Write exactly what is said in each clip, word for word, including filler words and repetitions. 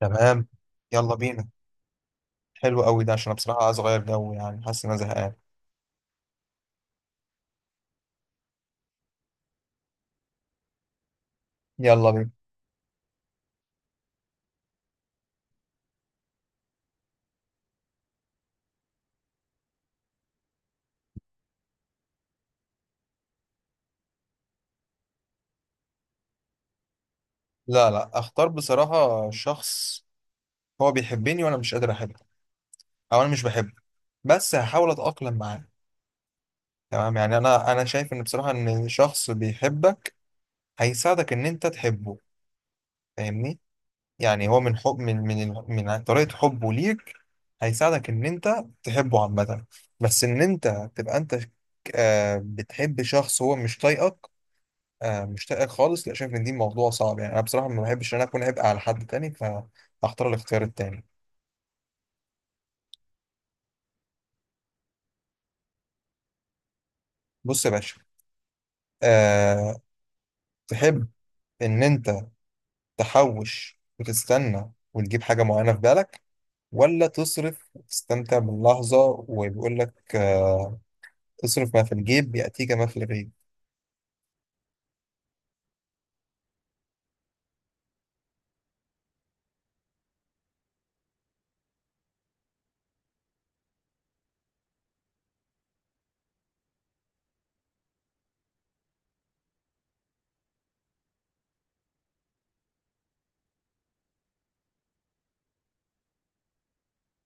تمام. يلا بينا. حلو قوي ده، عشان أنا بصراحة عايز أغير جو، يعني حاسس إن أنا زهقان. يلا بينا. لا، لا، أختار بصراحة شخص هو بيحبني وأنا مش قادر أحبه، أو أنا مش بحبه، بس هحاول أتأقلم معاه. تمام، يعني أنا أنا شايف إن بصراحة إن شخص بيحبك هيساعدك إن أنت تحبه. فاهمني؟ يعني هو من حب، من من من طريقة حبه ليك هيساعدك إن أنت تحبه عامة. بس إن أنت تبقى أنت. آه، بتحب شخص هو مش طايقك؟ آه، مش لاقي خالص. لا، شايف ان دي موضوع صعب، يعني انا بصراحه ما بحبش ان انا اكون عبء على حد تاني. فاختار الاختيار التاني. بص يا باشا. أه. تحب ان انت تحوش وتستنى وتجيب حاجه معينه في بالك، ولا تصرف وتستمتع باللحظه؟ وبيقول لك أه، اصرف ما في الجيب ياتيك ما في الغيب.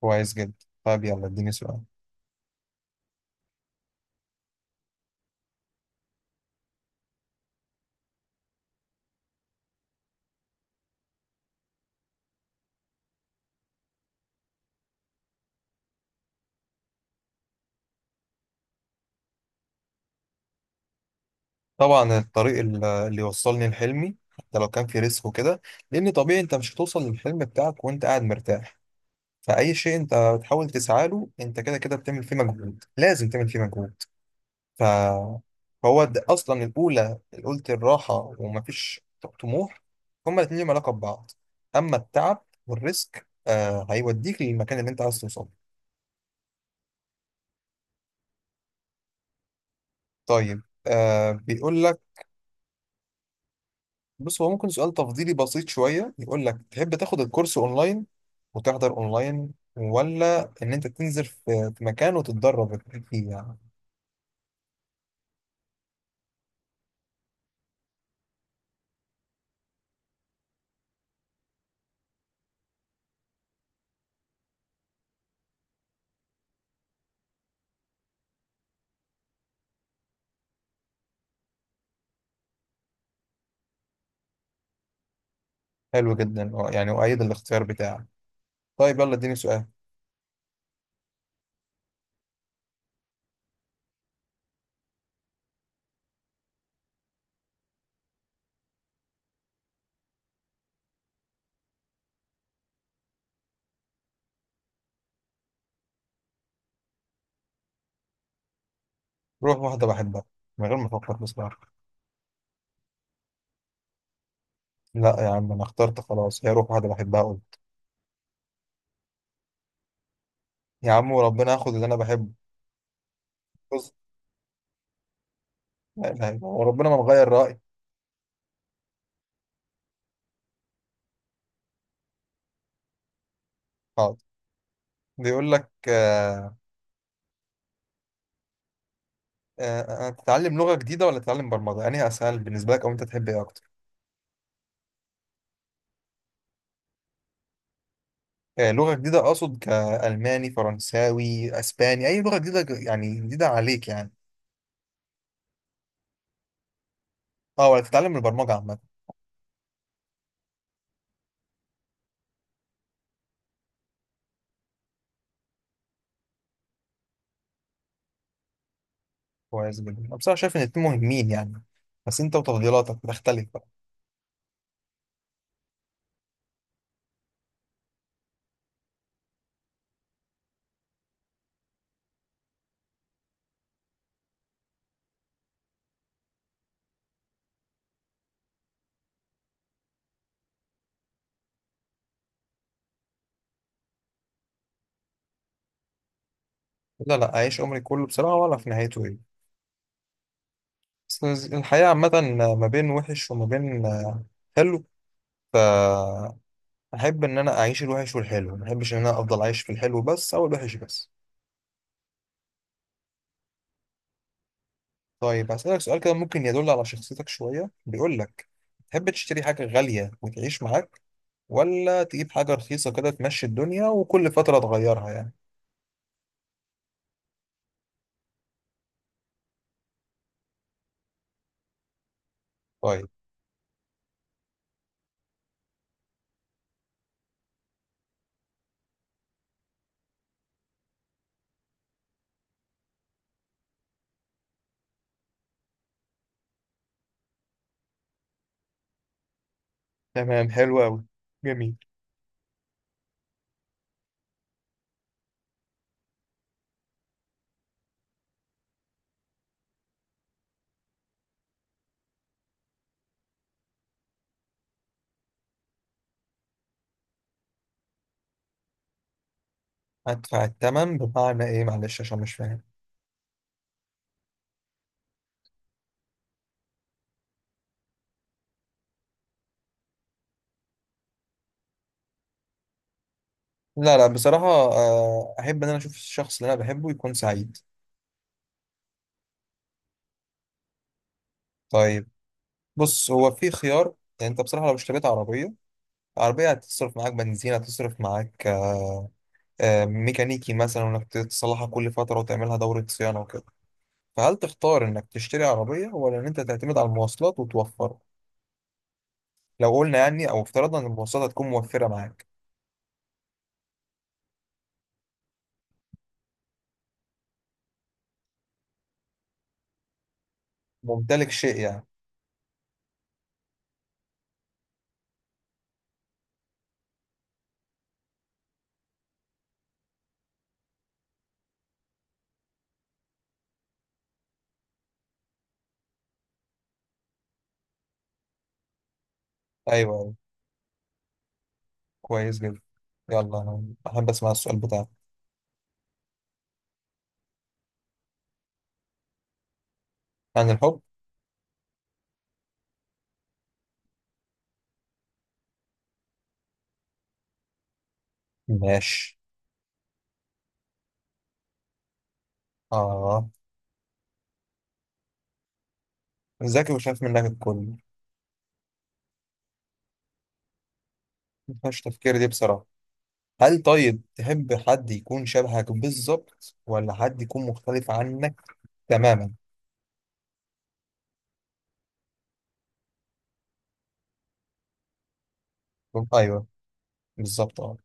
كويس جدا. طيب، يلا اديني سؤال. طبعا الطريق ال- اللي يوصلني لحلمي حتى لو كان في ريسك وكده. لان طبيعي انت مش هتوصل للحلم بتاعك وانت قاعد مرتاح. فأي شيء أنت بتحاول تسعى له، أنت كده كده بتعمل فيه مجهود، لازم تعمل فيه مجهود. ف فهو ده أصلا الأولى. قلت الراحة ومفيش طموح. هما الاتنين ليهم علاقة ببعض. أما التعب والريسك، آه هيوديك للمكان اللي أنت عايز توصله. طيب، آه بيقول لك. بص هو ممكن سؤال تفضيلي بسيط شوية، يقول لك تحب تاخد الكورس أونلاين وتحضر أونلاين، ولا إن أنت تنزل في في مكان وتتدرب فيه يعني؟ حلو جدا. آه، يعني أؤيد الاختيار بتاعك. طيب يلا اديني سؤال. روح واحدة بحبها، من غير ما أفكر بصراحة. لا يا عم، أنا اخترت خلاص. هي روح واحدة بحبها أقول. يا عم وربنا هاخد اللي أنا بحبه. بص. لا إله إلا الله، وربنا ما نغير رأيي. حاضر. بيقول لك، آه آه آه، تتعلم لغة جديدة ولا تتعلم برمجة؟ يعني أسهل بالنسبة لك، أو أنت تحب إيه أكتر؟ آه لغة جديدة، أقصد كألماني فرنساوي أسباني، أي لغة جديدة ج- يعني جديدة عليك يعني. أه، ولا تتعلم البرمجة عامة؟ كويس جدا. أنا بصراحة شايف إن الاتنين مهمين يعني، بس أنت وتفضيلاتك بتختلف. لا، لا، أعيش عمري كله بصراحة وأعرف نهايته إيه. بس الحياة عامة ما بين وحش وما بين حلو. فأحب إن أنا أعيش الوحش والحلو، ما أحبش إن أنا أفضل عايش في الحلو بس أو الوحش بس. طيب هسألك سؤال كده ممكن يدل على شخصيتك شوية، بيقول لك تحب تشتري حاجة غالية وتعيش معاك، ولا تجيب حاجة رخيصة كده تمشي الدنيا وكل فترة تغيرها يعني؟ طيب. تمام. حلو أوي. جميل. أدفع التمن بمعنى إيه؟ معلش عشان مش فاهم. لا، لا، بصراحة آه، أحب إن أنا أشوف الشخص اللي أنا بحبه يكون سعيد. طيب. بص هو في خيار، يعني أنت بصراحة لو اشتريت عربية عربية هتصرف معاك بنزين، هتصرف معاك آه، آه، ميكانيكي مثلا، وإنك تصلحها كل فترة وتعملها دورة صيانة وكده. فهل تختار إنك تشتري عربية ولا إن أنت تعتمد على المواصلات وتوفر، لو قلنا يعني أو افترضنا إن المواصلات هتكون موفرة معاك؟ ممتلك شيء يعني. أيوه، أيوه. كويس جدا. يلا أنا أحب أسمع السؤال بتاعك. عن الحب. ماشي. آه، ذكي وشاف منك الكل. مفيهاش تفكير دي بصراحة. هل طيب تحب حد يكون شبهك بالظبط، ولا حد يكون مختلف عنك تماما؟ ايوه، بالظبط اه.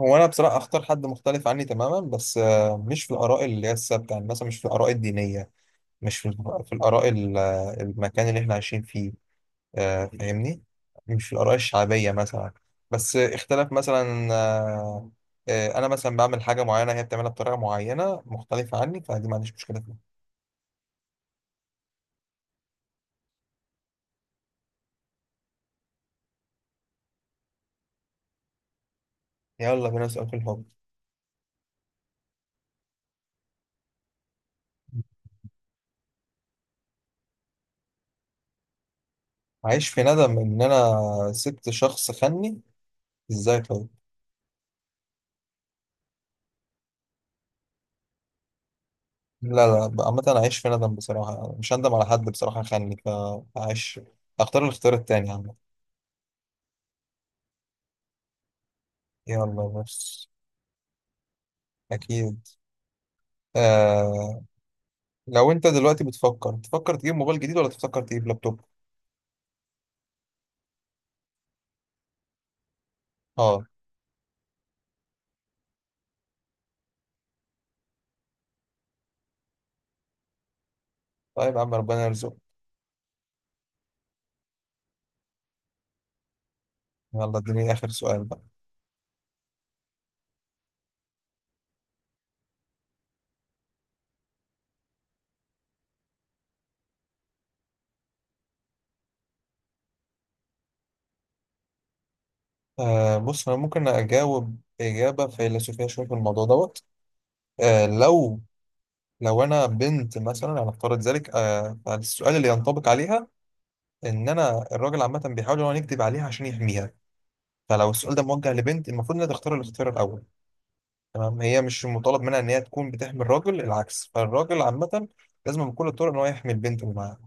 هو انا بصراحة اختار حد مختلف عني تماما، بس آه، مش في الاراء اللي هي الثابتة، يعني مثلا مش في الاراء الدينية. مش في في الاراء ال- آه، المكان اللي احنا عايشين فيه. آه، فاهمني؟ مش في الاراء الشعبية مثلا. بس آه، اختلاف مثلا، آه، آه، انا مثلا بعمل حاجه معينه هي بتعملها بطريقه معينه مختلفه عني، فدي ما عنديش مشكله فيها. يلا بينا نسأل في الحب. عايش في ندم إن أنا سبت شخص خني؟ إزاي طيب؟ لا، لا، ب- عامة أنا عايش في ندم بصراحة، مش هندم على حد بصراحة خني، فعايش، أختار الاختيار التاني عامة. يلا بس. أكيد. آه... لو أنت دلوقتي بتفكر تفكر تجيب موبايل جديد، ولا تفكر تجيب لابتوب؟ أه. طيب يا عم ربنا يرزقك. يلا اديني آخر سؤال بقى. آه بص أنا ممكن أجاوب إجابة فيلسوفية شوية في الموضوع دوت. آه لو لو انا بنت مثلا، هنفترض ذلك، آه فالسؤال اللي ينطبق عليها ان انا الراجل عامه بيحاول ان هو يكذب عليها عشان يحميها. فلو السؤال ده موجه لبنت المفروض انها تختار الاختيار الاول. تمام، هي مش مطالب منها ان هي تكون بتحمي الراجل، العكس. فالراجل عامه لازم بكل الطرق ان هو يحمي البنت اللي معاه.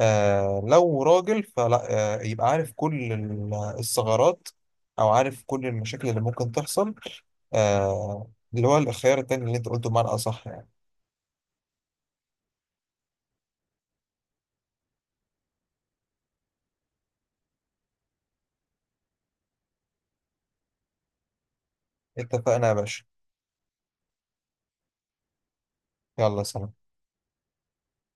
آه لو راجل فلا. آه يبقى عارف كل ال- الثغرات او عارف كل المشاكل اللي ممكن تحصل. آه اللي هو الخيار التاني اللي انت قلته بمعنى اصح يعني. اتفقنا يا باشا. يلا سلام.